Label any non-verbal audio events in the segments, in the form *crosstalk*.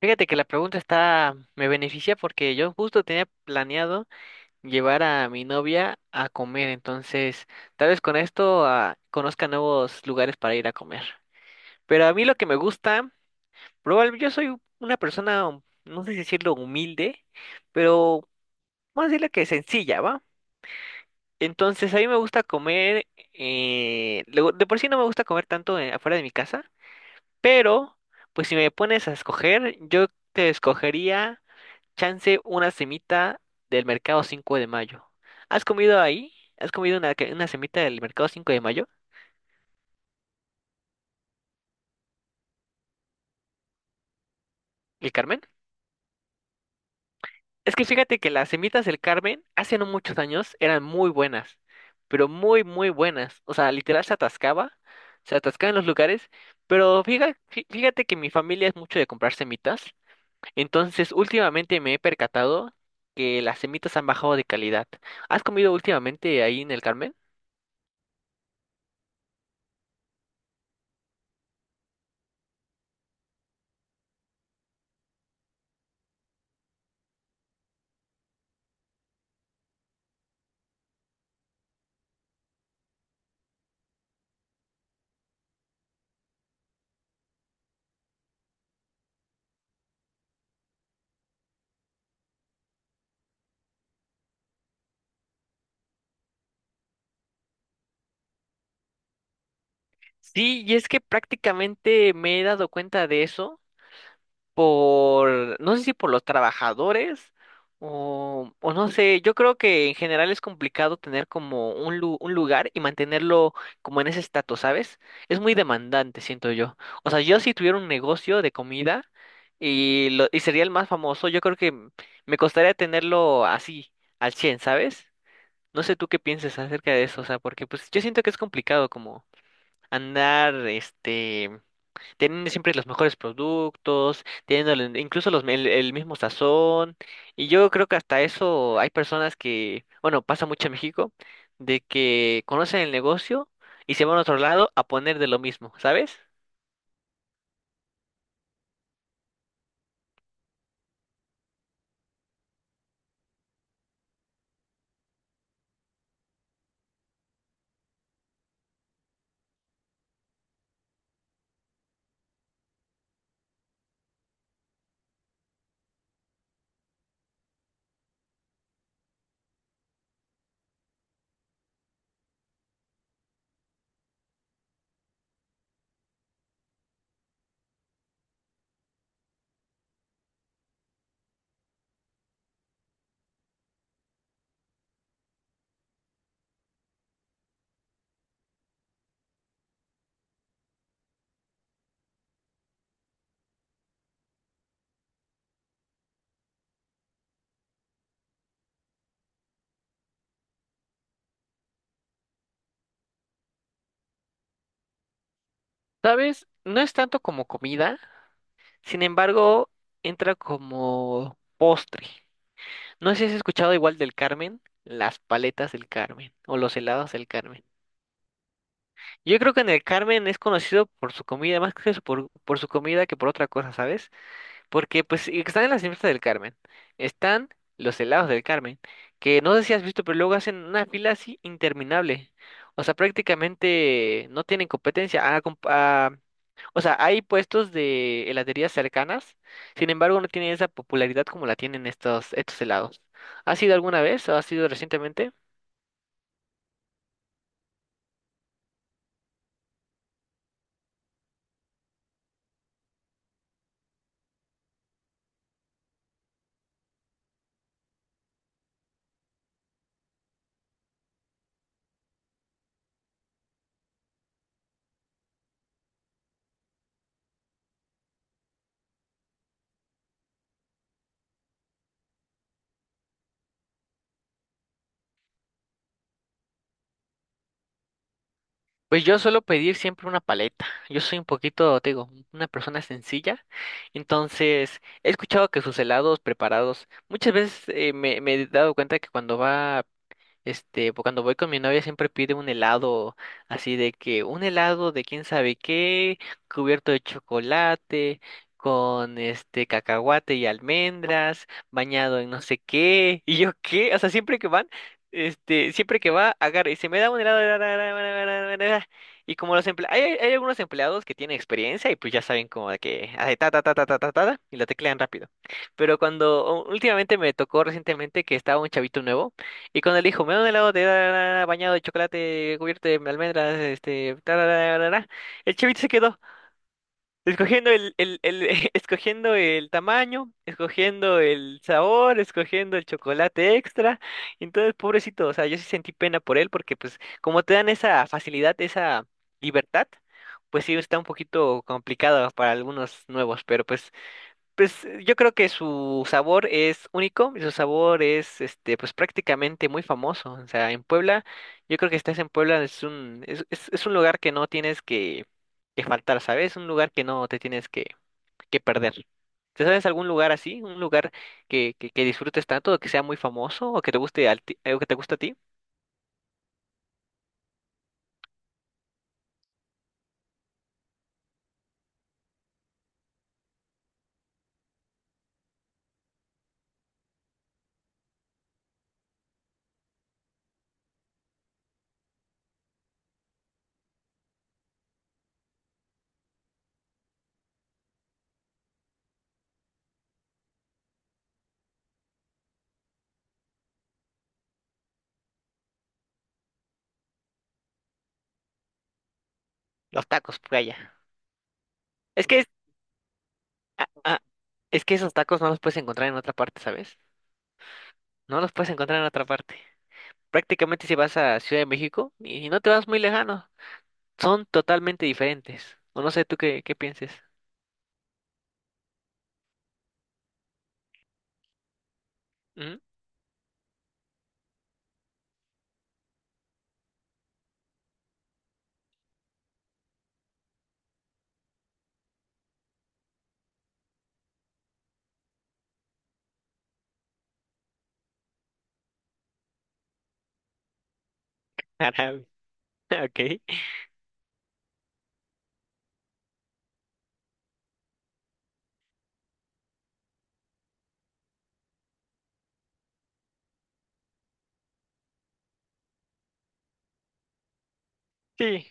Fíjate que la pregunta está, me beneficia porque yo justo tenía planeado llevar a mi novia a comer, entonces tal vez con esto conozca nuevos lugares para ir a comer. Pero a mí lo que me gusta, probablemente yo soy una persona, no sé si decirlo humilde, pero vamos a decirle que sencilla, ¿va? Entonces a mí me gusta comer, luego, de por sí no me gusta comer tanto afuera de mi casa, pero pues si me pones a escoger, yo te escogería Chance una semita del mercado 5 de mayo. ¿Has comido ahí? ¿Has comido una, una semita del mercado 5 de mayo? ¿El Carmen? Es que fíjate que las semitas del Carmen hace no muchos años eran muy buenas, pero muy, muy buenas. O sea, literal se atascaba en los lugares, pero fíjate, fíjate que mi familia es mucho de comprar semitas, entonces últimamente me he percatado que las semitas han bajado de calidad. ¿Has comido últimamente ahí en el Carmen? Sí, y es que prácticamente me he dado cuenta de eso por, no sé si por los trabajadores o no sé, yo creo que en general es complicado tener como un, un lugar y mantenerlo como en ese estatus, ¿sabes? Es muy demandante, siento yo. O sea, yo si tuviera un negocio de comida y, lo, y sería el más famoso, yo creo que me costaría tenerlo así, al 100, ¿sabes? No sé tú qué piensas acerca de eso, o sea, porque pues yo siento que es complicado andar, este, teniendo siempre los mejores productos, teniendo incluso los, el mismo sazón. Y yo creo que hasta eso hay personas que, bueno, pasa mucho en México, de que conocen el negocio y se van a otro lado a poner de lo mismo, ¿sabes? ¿Sabes? No es tanto como comida, sin embargo, entra como postre. No sé si has escuchado igual del Carmen, las paletas del Carmen o los helados del Carmen. Yo creo que en el Carmen es conocido por su comida, más que eso, por su comida que por otra cosa, ¿sabes? Porque pues y están en las fiestas del Carmen, están los helados del Carmen, que no sé si has visto, pero luego hacen una fila así interminable. O sea, prácticamente no tienen competencia. O sea, hay puestos de heladerías cercanas, sin embargo no tienen esa popularidad como la tienen estos helados. ¿Has ido alguna vez o has ido recientemente? Pues yo suelo pedir siempre una paleta. Yo soy un poquito, te digo, una persona sencilla. Entonces, he escuchado que sus helados preparados, muchas veces me he dado cuenta que cuando va este, pues, cuando voy con mi novia siempre pide un helado así de que un helado de quién sabe qué, cubierto de chocolate, con este cacahuate y almendras, bañado en no sé qué, *laughs* y yo qué, o sea, siempre que van, este, siempre que va, agarra y se me da un helado ra, ra, ra, ra, ra, ra, ra, y como los empleados, hay, hay algunos empleados que tienen experiencia y pues ya saben como de que hace ta ta ta ta ta ta ta ta, y lo teclean rápido. Pero cuando últimamente me tocó recientemente que estaba un chavito nuevo y con el hijo, me da un helado de tararara, bañado de chocolate cubierto de almendras, este, tararara. El chavito se quedó escogiendo el *laughs* escogiendo el tamaño, escogiendo el sabor, escogiendo el chocolate extra. Entonces, pobrecito, o sea, yo sí sentí pena por él porque pues como te dan esa facilidad, esa libertad, pues sí está un poquito complicado para algunos nuevos, pero pues yo creo que su sabor es único y su sabor es este pues prácticamente muy famoso. O sea, en Puebla, yo creo que estás en Puebla, es un, es un lugar que no tienes que faltar, ¿sabes? Un lugar que no te tienes que perder. ¿Te sabes algún lugar así? ¿Un lugar que disfrutes tanto, o que sea muy famoso, o que te guste o que te gusta a ti? Los tacos, playa. Es que es, ah, ah, Es que esos tacos no los puedes encontrar en otra parte, ¿sabes? No los puedes encontrar en otra parte. Prácticamente si vas a Ciudad de México y no te vas muy lejano, son totalmente diferentes. O no sé tú qué, qué pienses. ¿Mm? Árabe. *laughs* Ok. Sí.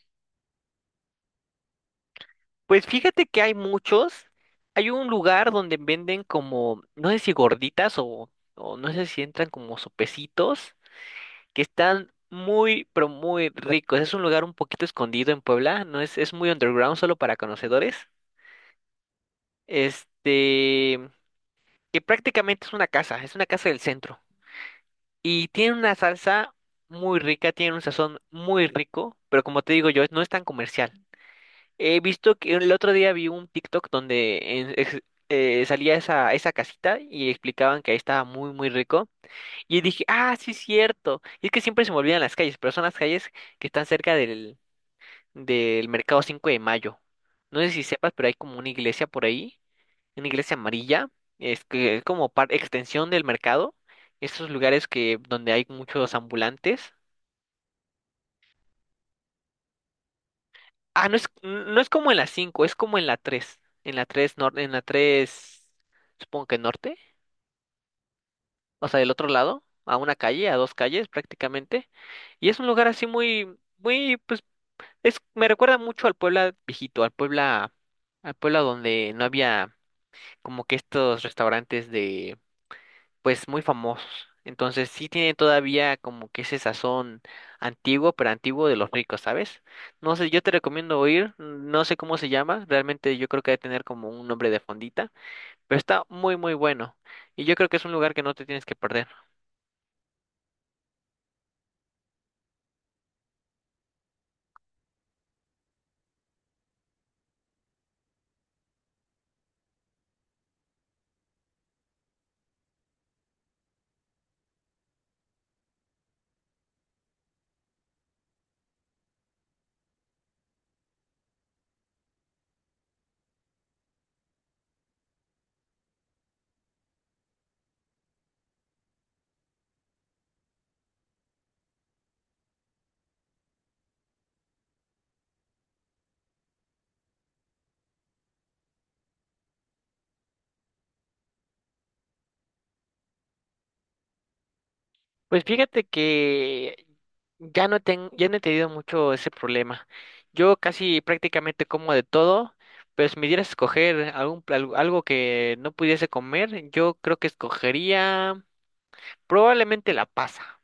Pues fíjate que hay muchos. Hay un lugar donde venden como, no sé si gorditas o no sé si entran como sopecitos, que están muy, pero muy ricos. Es un lugar un poquito escondido en Puebla, no es, es muy underground, solo para conocedores. Este, que prácticamente es una casa del centro. Y tiene una salsa muy rica, tiene un sazón muy rico, pero como te digo yo, no es tan comercial. He visto que el otro día vi un TikTok donde salía esa, esa casita y explicaban que ahí estaba muy, muy rico. Y dije, ah, sí, es cierto. Y es que siempre se me olvidan las calles, pero son las calles que están cerca del mercado 5 de mayo. No sé si sepas, pero hay como una iglesia por ahí una iglesia amarilla, es que es como extensión del mercado, esos lugares que donde hay muchos ambulantes. Ah, no es como en la cinco, es como en la tres, en la 3 norte, en la 3 supongo que norte, o sea, del otro lado, a una calle, a dos calles prácticamente, y es un lugar así muy muy pues es me recuerda mucho al Puebla viejito, al Puebla donde no había como que estos restaurantes de pues muy famosos. Entonces sí tiene todavía como que ese sazón antiguo, pero antiguo de los ricos, ¿sabes? No sé, yo te recomiendo ir, no sé cómo se llama, realmente yo creo que debe tener como un nombre de fondita, pero está muy muy bueno y yo creo que es un lugar que no te tienes que perder. Pues fíjate que ya no he tenido mucho ese problema. Yo casi prácticamente como de todo, pero si me dieras a escoger algo que no pudiese comer, yo creo que escogería probablemente la pasa.